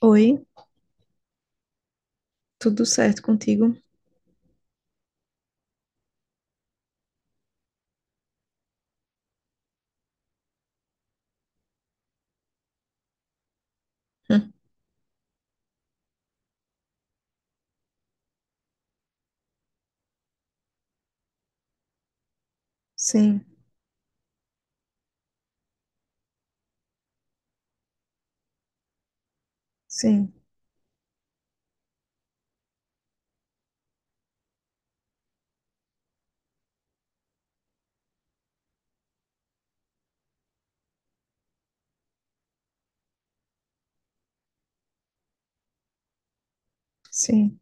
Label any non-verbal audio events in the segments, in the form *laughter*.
Oi, tudo certo contigo? Hum, Sim, sim, sim.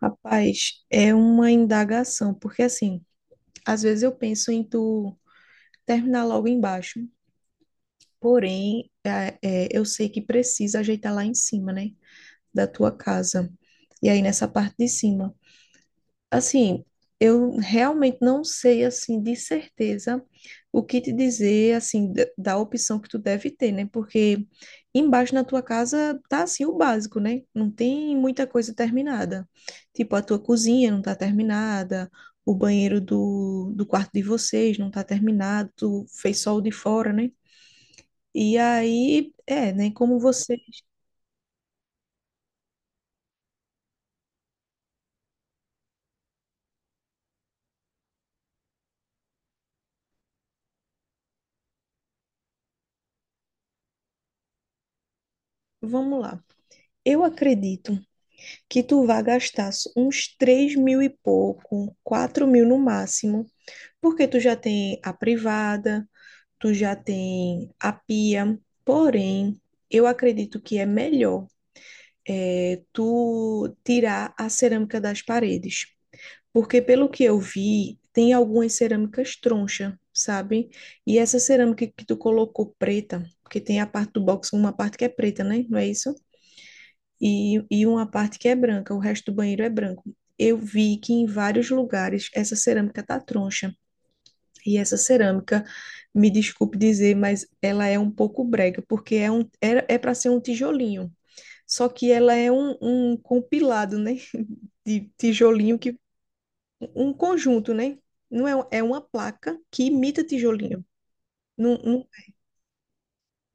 Rapaz, é uma indagação, porque assim, às vezes eu penso em tu terminar logo embaixo, porém, eu sei que precisa ajeitar lá em cima, né, da tua casa. E aí nessa parte de cima. Assim, eu realmente não sei, assim, de certeza o que te dizer, assim, da opção que tu deve ter, né? Porque embaixo na tua casa tá, assim, o básico, né? Não tem muita coisa terminada. Tipo, a tua cozinha não tá terminada, o banheiro do quarto de vocês não tá terminado, tu fez só o de fora, né? E aí, é, né? Como você... Vamos lá. Eu acredito que tu vá gastar uns 3.000 e pouco, 4.000 no máximo, porque tu já tem a privada, tu já tem a pia. Porém, eu acredito que é melhor tu tirar a cerâmica das paredes, porque pelo que eu vi, tem algumas cerâmicas troncha, sabe? E essa cerâmica que tu colocou preta, porque tem a parte do box, uma parte que é preta, né? Não é isso? E uma parte que é branca, o resto do banheiro é branco. Eu vi que em vários lugares essa cerâmica tá troncha. E essa cerâmica, me desculpe dizer, mas ela é um pouco brega, porque é um, é para ser um tijolinho. Só que ela é um, um compilado, né? *laughs* De tijolinho que um conjunto, né? Não é, é uma placa que imita tijolinho. Não- não-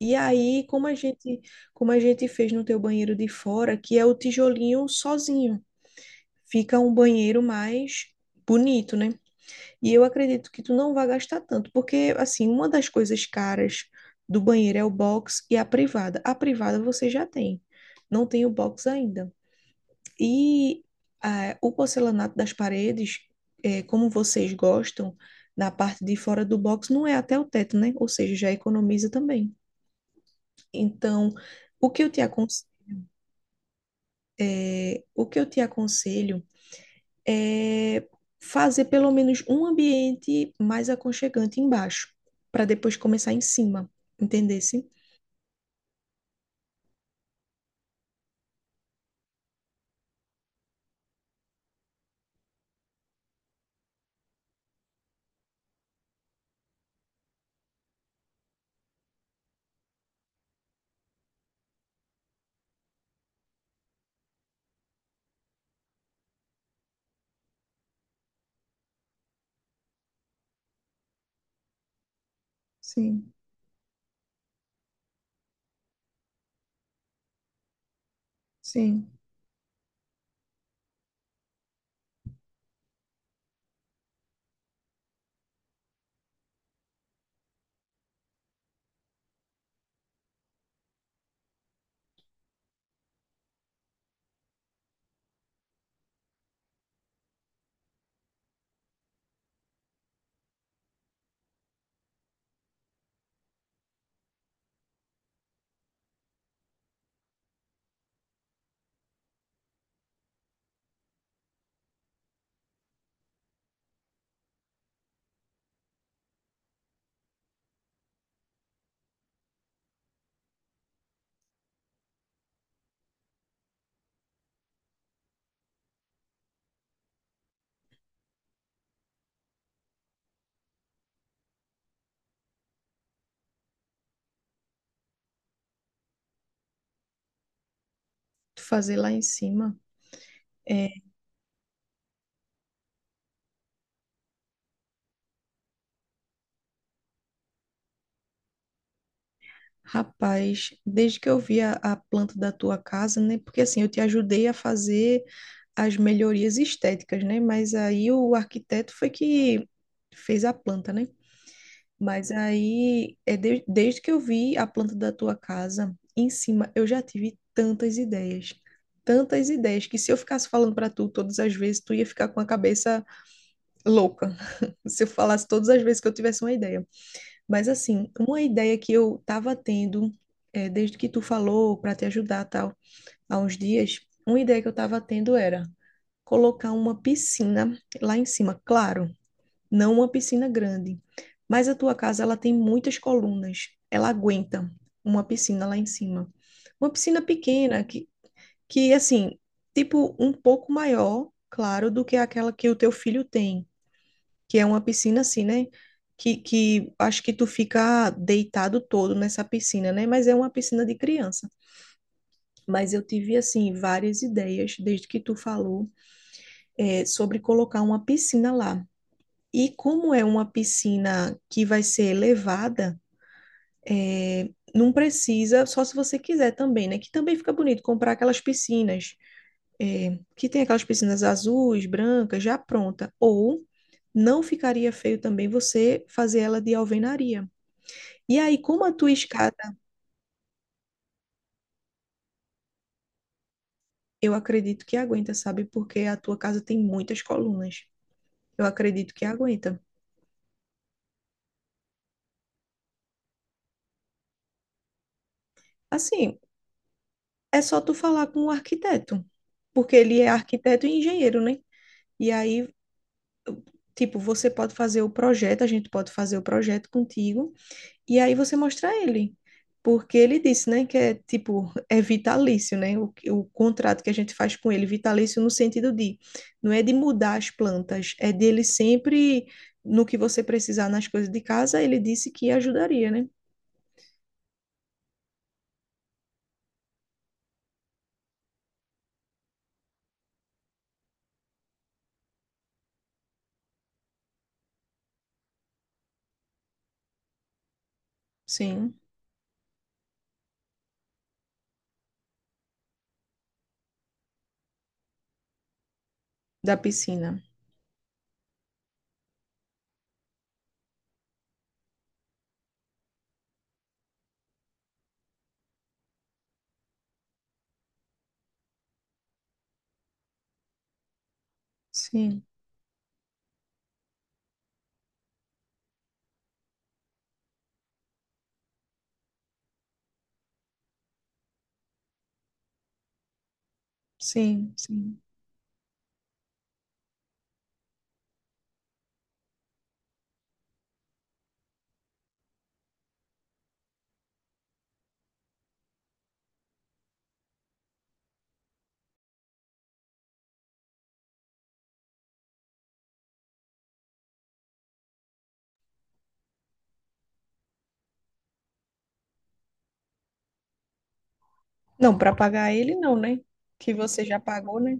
e aí, como a gente fez no teu banheiro de fora, que é o tijolinho sozinho. Fica um banheiro mais bonito, né? E eu acredito que tu não vai gastar tanto, porque assim, uma das coisas caras do banheiro é o box e a privada. A privada você já tem, não tem o box ainda. E ah, o porcelanato das paredes, como vocês gostam, na parte de fora do box não é até o teto, né? Ou seja, já economiza também. Então, o que eu te aconselho, o que eu te aconselho é, fazer pelo menos um ambiente mais aconchegante embaixo, para depois começar em cima, entendesse? Sim, sim. Fazer lá em cima. É, rapaz, desde que eu vi a planta da tua casa, né? Porque assim, eu te ajudei a fazer as melhorias estéticas, né? Mas aí o arquiteto foi que fez a planta, né? Mas aí, desde que eu vi a planta da tua casa em cima, eu já tive tantas ideias. Tantas ideias que se eu ficasse falando para tu todas as vezes, tu ia ficar com a cabeça louca. *laughs* Se eu falasse todas as vezes que eu tivesse uma ideia. Mas assim, uma ideia que eu tava tendo, desde que tu falou para te ajudar tal, há uns dias, uma ideia que eu tava tendo era colocar uma piscina lá em cima. Claro, não uma piscina grande. Mas a tua casa ela tem muitas colunas, ela aguenta uma piscina lá em cima. Uma piscina pequena que assim, tipo um pouco maior, claro, do que aquela que o teu filho tem, que é uma piscina assim, né? Que acho que tu fica deitado todo nessa piscina, né? Mas é uma piscina de criança. Mas eu tive, assim, várias ideias, desde que tu falou, sobre colocar uma piscina lá. E como é uma piscina que vai ser elevada, não precisa, só se você quiser também, né? Que também fica bonito comprar aquelas piscinas, que tem aquelas piscinas azuis, brancas, já pronta. Ou não ficaria feio também você fazer ela de alvenaria. E aí, como a tua escada, eu acredito que aguenta, sabe? Porque a tua casa tem muitas colunas. Eu acredito que aguenta. Assim, é só tu falar com o arquiteto, porque ele é arquiteto e engenheiro, né? E aí tipo, você pode fazer o projeto, a gente pode fazer o projeto contigo, e aí você mostra ele. Porque ele disse, né, que é tipo, é vitalício, né? O contrato que a gente faz com ele, vitalício no sentido de, não é de mudar as plantas, é dele sempre, no que você precisar nas coisas de casa, ele disse que ajudaria, né? Sim, da piscina. Sim, sim. Não, para pagar ele não, né? Que você já pagou, né?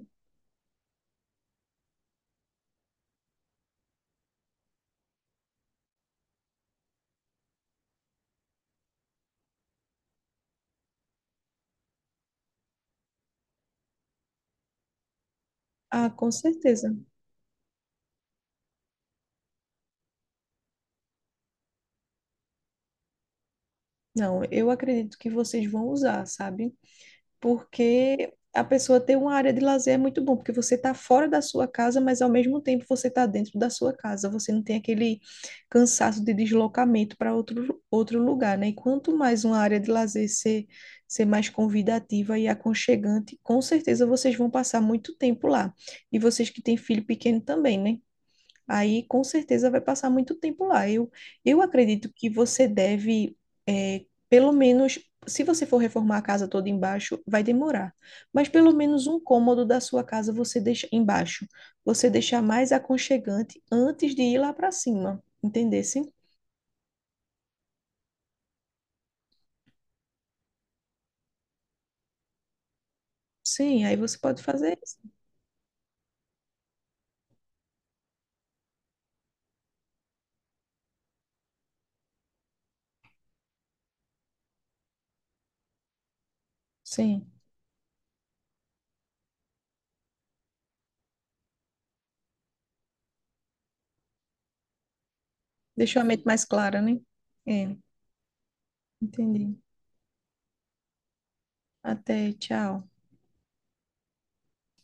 Ah, com certeza. Não, eu acredito que vocês vão usar, sabe? Porque a pessoa ter uma área de lazer é muito bom, porque você está fora da sua casa, mas ao mesmo tempo você está dentro da sua casa. Você não tem aquele cansaço de deslocamento para outro lugar, né? E quanto mais uma área de lazer ser mais convidativa e aconchegante, com certeza vocês vão passar muito tempo lá. E vocês que têm filho pequeno também, né? Aí com certeza vai passar muito tempo lá. Eu acredito que você deve, pelo menos, se você for reformar a casa toda embaixo, vai demorar. Mas pelo menos um cômodo da sua casa você deixa embaixo. Você deixar mais aconchegante antes de ir lá para cima, entendesse? Sim, aí você pode fazer isso. Sim. Deixou a mente mais clara, né? É, entendi. Até, tchau.